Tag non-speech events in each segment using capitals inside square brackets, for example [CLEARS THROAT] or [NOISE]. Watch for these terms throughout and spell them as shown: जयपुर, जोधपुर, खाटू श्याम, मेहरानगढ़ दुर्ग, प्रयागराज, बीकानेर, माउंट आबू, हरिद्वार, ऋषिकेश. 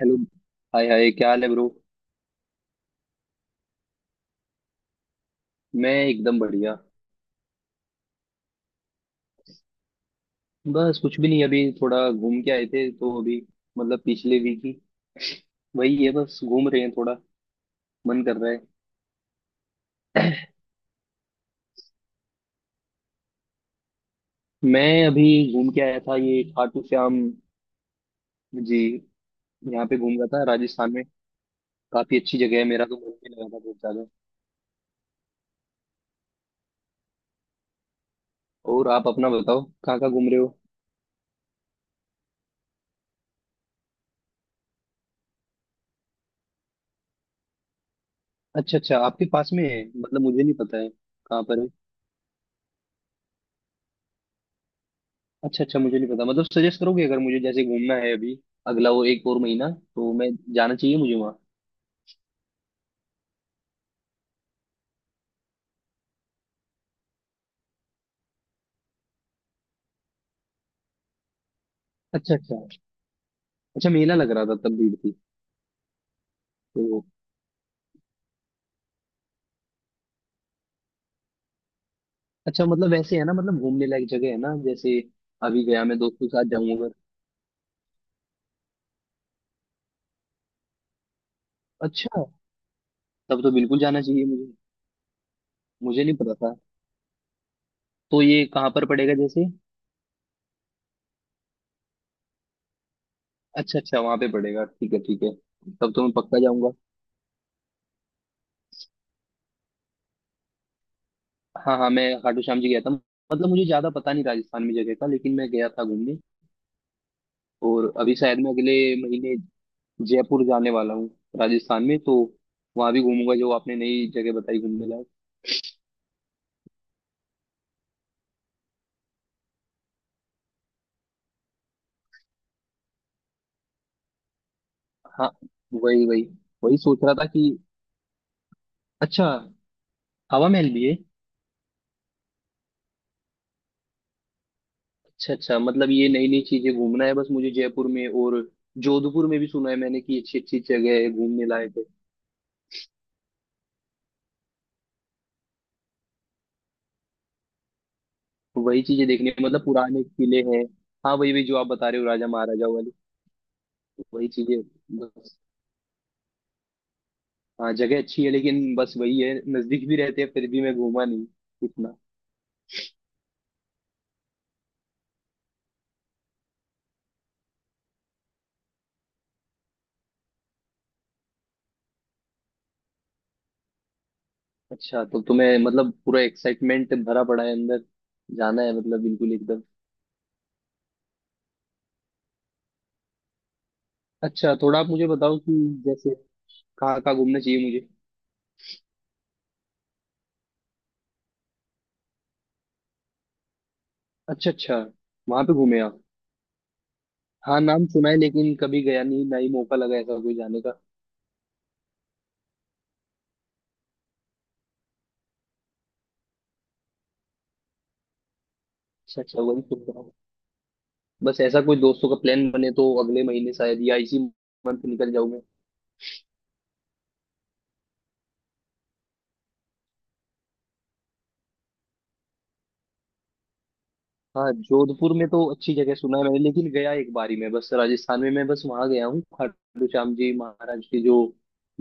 Hello. Hi hi, क्या हाल है ब्रो? मैं एकदम बढ़िया। बस कुछ भी नहीं, अभी थोड़ा घूम के आए थे तो अभी मतलब पिछले वीक ही। वही है, बस घूम रहे हैं, थोड़ा मन कर रहा है। मैं अभी घूम के आया था ये खाटू श्याम जी। यहाँ पे घूम रहा था राजस्थान में। काफी अच्छी जगह है, मेरा तो मन भी लगा था बहुत ज्यादा। और आप अपना बताओ कहाँ कहाँ घूम रहे हो? अच्छा अच्छा, आपके पास में है, मतलब मुझे नहीं पता है। कहाँ पर है? अच्छा अच्छा, मुझे नहीं पता, मतलब सजेस्ट करोगे अगर मुझे जैसे घूमना है अभी अगला वो एक और महीना तो मैं जाना चाहिए मुझे वहाँ। अच्छा अच्छा। अच्छा, मेला लग रहा था तब भीड़ थी तो। अच्छा मतलब वैसे है ना, मतलब घूमने लायक जगह है ना जैसे अभी गया मैं दोस्तों के साथ जाऊं अगर। अच्छा तब तो बिल्कुल जाना चाहिए मुझे। मुझे नहीं पता था। तो ये कहाँ पर पड़ेगा जैसे? अच्छा अच्छा वहां पे पड़ेगा, ठीक है ठीक है। तब तो मैं पक्का जाऊंगा। हाँ हाँ मैं खाटू श्याम जी गया था, मतलब मुझे ज्यादा पता नहीं राजस्थान में जगह का, लेकिन मैं गया था घूमने। और अभी शायद मैं अगले महीने जयपुर जाने वाला हूँ। राजस्थान में तो वहां भी घूमूंगा जो आपने नई जगह बताई घूमने लायक। हाँ वही वही, वही सोच रहा था कि अच्छा हवा महल भी है। अच्छा अच्छा मतलब ये नई नई चीजें घूमना है बस मुझे जयपुर में, और जोधपुर में भी सुना है मैंने कि अच्छी अच्छी जगह है घूमने लायक है। तो वही चीजें देखनी है, मतलब पुराने किले हैं। हाँ वही वही जो आप बता रहे हो राजा महाराजाओं वाली। वही चीजें बस। हाँ जगह अच्छी है, लेकिन बस वही है, नजदीक भी रहते हैं फिर भी मैं घूमा नहीं इतना। अच्छा तो तुम्हें मतलब पूरा एक्साइटमेंट भरा पड़ा है अंदर, जाना है मतलब बिल्कुल एकदम। अच्छा, थोड़ा आप मुझे बताओ कि जैसे कहाँ कहाँ घूमना चाहिए मुझे। अच्छा अच्छा वहां पे घूमे आप? हाँ नाम सुना है लेकिन कभी गया नहीं, ना ही मौका लगा ऐसा कोई जाने का। अच्छा अच्छा वही सुन रहा हूँ। बस ऐसा कोई दोस्तों का प्लान बने तो अगले महीने शायद या इसी मंथ निकल जाऊं मैं। हाँ जोधपुर में तो अच्छी जगह सुना है मैंने, लेकिन गया एक बार ही मैं, बस राजस्थान में मैं बस वहां गया हूँ खाटू श्याम जी महाराज के जो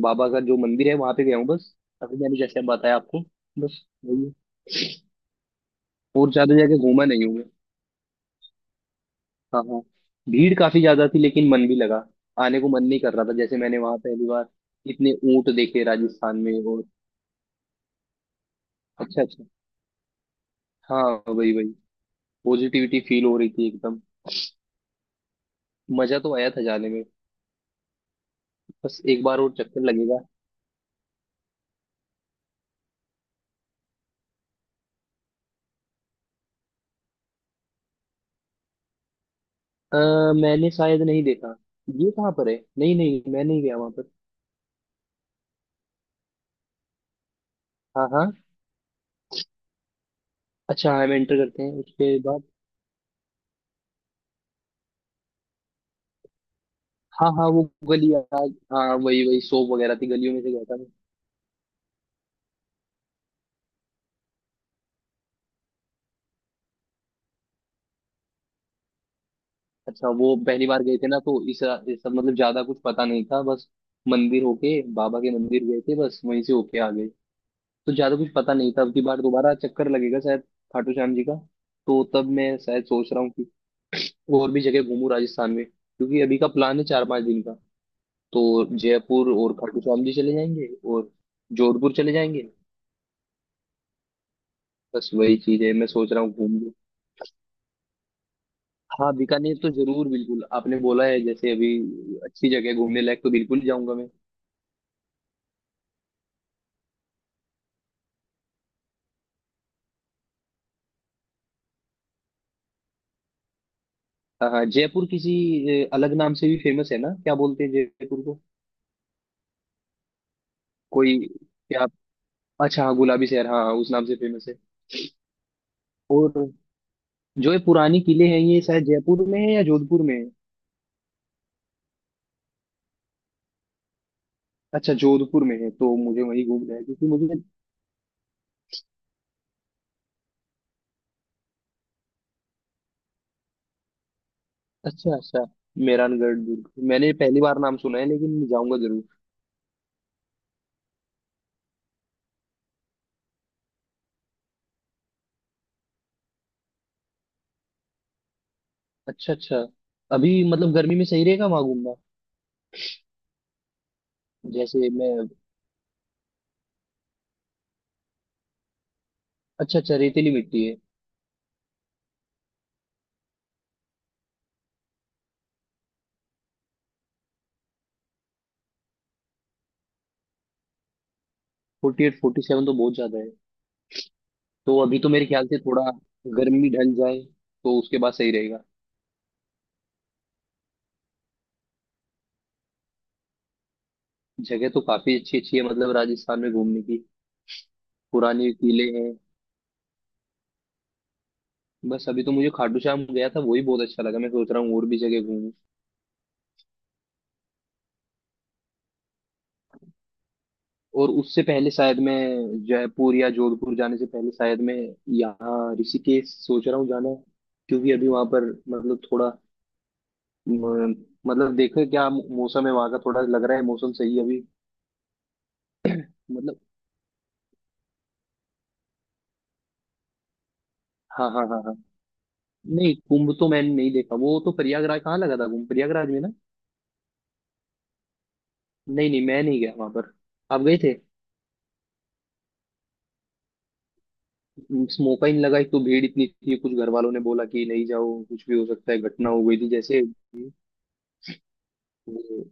बाबा का जो मंदिर है वहां पे गया हूँ बस। अभी मैंने जैसे बताया आपको बस वही है। और ज्यादा जगह घूमा नहीं हूँ मैं। हाँ हाँ। भीड़ काफी ज्यादा थी लेकिन मन भी लगा। आने को मन नहीं कर रहा था जैसे मैंने वहां पहली बार इतने ऊंट देखे राजस्थान में। और अच्छा अच्छा। हाँ वही वही, पॉजिटिविटी फील हो रही थी एकदम। मजा तो आया था जाने में। बस एक बार और चक्कर लगेगा। मैंने शायद नहीं देखा। ये कहाँ पर है? नहीं नहीं मैं नहीं गया वहां पर। हाँ हाँ। अच्छा हम एंटर करते हैं उसके बाद। हाँ हाँ वो गली आज हाँ वही वही, सोप वगैरह थी गलियों में से गया था। अच्छा वो पहली बार गए थे ना तो इस सब मतलब ज्यादा कुछ पता नहीं था बस। मंदिर होके बाबा के मंदिर गए थे, बस वहीं से होके आ गए। तो ज्यादा कुछ पता नहीं था, अब की बार दोबारा चक्कर लगेगा शायद खाटू श्याम जी का। तो तब मैं शायद सोच रहा हूँ कि [CLEARS THROAT] और भी जगह घूमू राजस्थान में, क्योंकि अभी का प्लान है 4 5 दिन का। तो जयपुर और खाटू श्याम जी चले जाएंगे और जोधपुर चले जाएंगे। बस वही चीज है, मैं सोच रहा हूँ घूम लूँ। हाँ बीकानेर तो जरूर, बिल्कुल आपने बोला है जैसे अभी अच्छी जगह है घूमने लायक तो बिल्कुल जाऊंगा मैं। हाँ हाँ जयपुर किसी अलग नाम से भी फेमस है ना, क्या बोलते हैं जयपुर को? कोई क्या? अच्छा हाँ गुलाबी शहर, हाँ हाँ, उस नाम से फेमस है। और जो ये पुरानी किले हैं ये शायद जयपुर में है या जोधपुर में है? अच्छा जोधपुर में है तो मुझे वहीं घूमना है क्योंकि मुझे अच्छा अच्छा। मेहरानगढ़ दुर्ग मैंने पहली बार नाम सुना है, लेकिन मैं जाऊंगा जरूर। अच्छा अच्छा। अभी मतलब गर्मी में सही रहेगा वहां घूमना? जैसे मैं अच्छा अच्छा रेतीली मिट्टी है। 48 47 तो बहुत ज्यादा है। तो अभी तो मेरे ख्याल से थोड़ा गर्मी ढल जाए तो उसके बाद सही रहेगा। जगह तो काफी अच्छी अच्छी है मतलब राजस्थान में घूमने की। पुराने किले हैं। बस अभी तो मुझे खाटू श्याम गया था वही बहुत अच्छा लगा, मैं सोच रहा हूँ और भी जगह घूमूं। और उससे पहले शायद मैं जयपुर या जोधपुर जाने से पहले शायद मैं यहाँ ऋषिकेश सोच रहा हूँ जाना। क्योंकि अभी वहां पर मतलब थोड़ा म- मतलब देखो क्या मौसम है वहां का, थोड़ा लग रहा है मौसम सही है अभी मतलब। हाँ हाँ हाँ। नहीं कुंभ तो मैंने नहीं देखा, वो तो प्रयागराज कहाँ लगा था कुंभ, प्रयागराज में ना। नहीं नहीं मैं नहीं गया वहां पर। आप गए थे? मौका ही नहीं लगा, एक तो भीड़ इतनी थी, कुछ घर वालों ने बोला कि नहीं जाओ, कुछ भी हो सकता है, घटना हो गई थी जैसे। वो-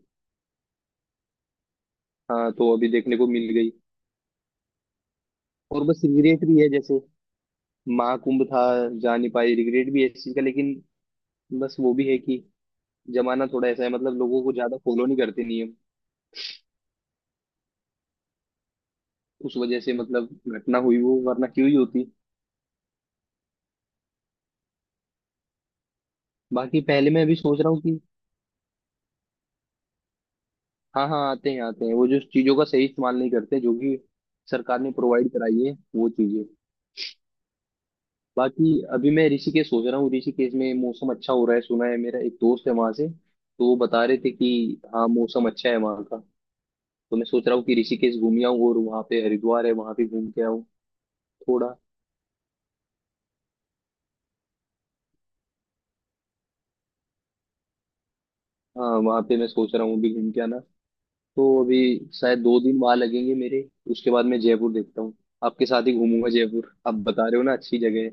हाँ तो अभी देखने को मिल गई। और बस रिग्रेट भी है जैसे महाकुंभ था, जा नहीं पाई, रिग्रेट भी है इस चीज का, लेकिन बस वो भी है कि जमाना थोड़ा ऐसा है, मतलब लोगों को ज्यादा फॉलो नहीं करते नियम, उस वजह से मतलब घटना हुई वो, वरना क्यों ही होती। बाकी पहले मैं अभी सोच रहा हूँ। हाँ हाँ आते हैं वो जो चीजों का सही इस्तेमाल नहीं करते जो कि सरकार ने प्रोवाइड कराई है वो चीजें। बाकी अभी मैं ऋषिकेश सोच रहा हूँ, ऋषिकेश में मौसम अच्छा हो रहा है सुना है, मेरा एक दोस्त है वहां से तो वो बता रहे थे कि हाँ मौसम अच्छा है वहाँ का। तो मैं सोच रहा हूँ कि ऋषिकेश घूम आऊँ और वहाँ पे हरिद्वार है वहाँ पे घूम के आऊँ थोड़ा। हाँ वहाँ पे मैं सोच रहा हूँ अभी घूम के आना। तो अभी शायद 2 दिन वहाँ लगेंगे मेरे। उसके बाद मैं जयपुर देखता हूँ। आपके साथ ही घूमूंगा जयपुर, आप बता रहे हो ना अच्छी जगह है।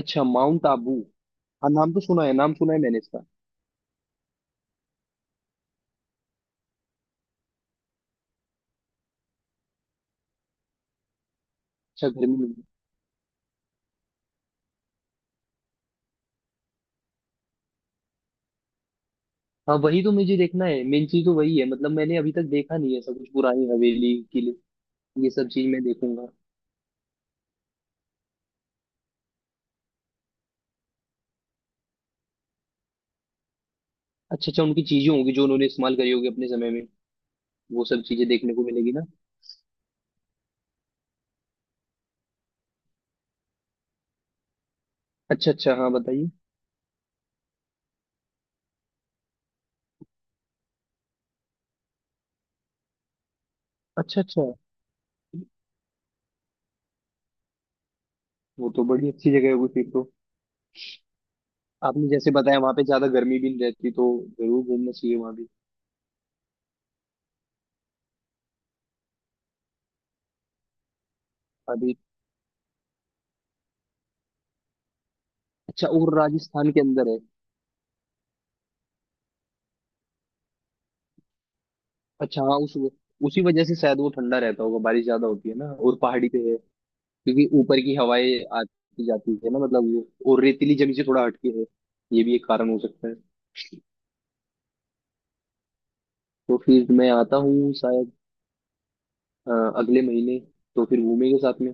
अच्छा माउंट आबू। हाँ नाम तो सुना है, नाम सुना है मैंने इसका। अच्छा गर्मी में। हाँ वही तो मुझे देखना है, मेन चीज तो वही है, मतलब मैंने अभी तक देखा नहीं है सब कुछ, पुरानी हवेली किले ये सब चीज मैं देखूंगा। अच्छा अच्छा, उनकी चीजें होंगी जो उन्होंने इस्तेमाल करी होगी अपने समय में, वो सब चीजें देखने को मिलेगी ना। अच्छा अच्छा हाँ बताइए। अच्छा अच्छा। वो तो बड़ी अच्छी जगह होगी फिर तो। आपने जैसे बताया वहां पे ज्यादा गर्मी भी नहीं रहती तो जरूर घूमना चाहिए वहां भी। अभी अच्छा और राजस्थान के अंदर है? अच्छा हाँ उस उसी वजह से शायद वो ठंडा रहता होगा, बारिश ज्यादा होती है ना और पहाड़ी पे है। क्योंकि ऊपर की हवाएं आती जाती है ना मतलब ये। और रेतीली जमीन से थोड़ा हटके है, ये भी एक कारण हो सकता है। तो फिर मैं आता हूँ शायद अ, अगले महीने। तो फिर घूमेंगे साथ में।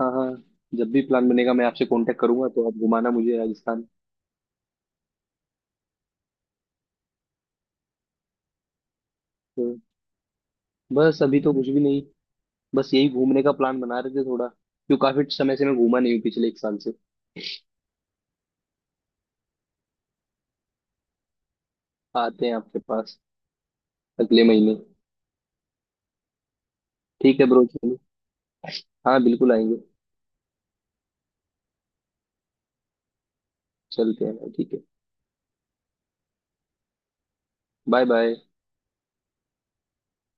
हाँ हाँ जब भी प्लान बनेगा मैं आपसे कांटेक्ट करूंगा तो आप घुमाना मुझे राजस्थान। तो बस अभी तो कुछ भी नहीं, बस यही घूमने का प्लान बना रहे थे, थोड़ा क्यों काफी समय से मैं घूमा नहीं हूँ पिछले एक साल से। आते हैं आपके पास अगले महीने। ठीक है ब्रो चलो। हाँ बिल्कुल आएंगे। चलते हैं ठीक है। Bye bye.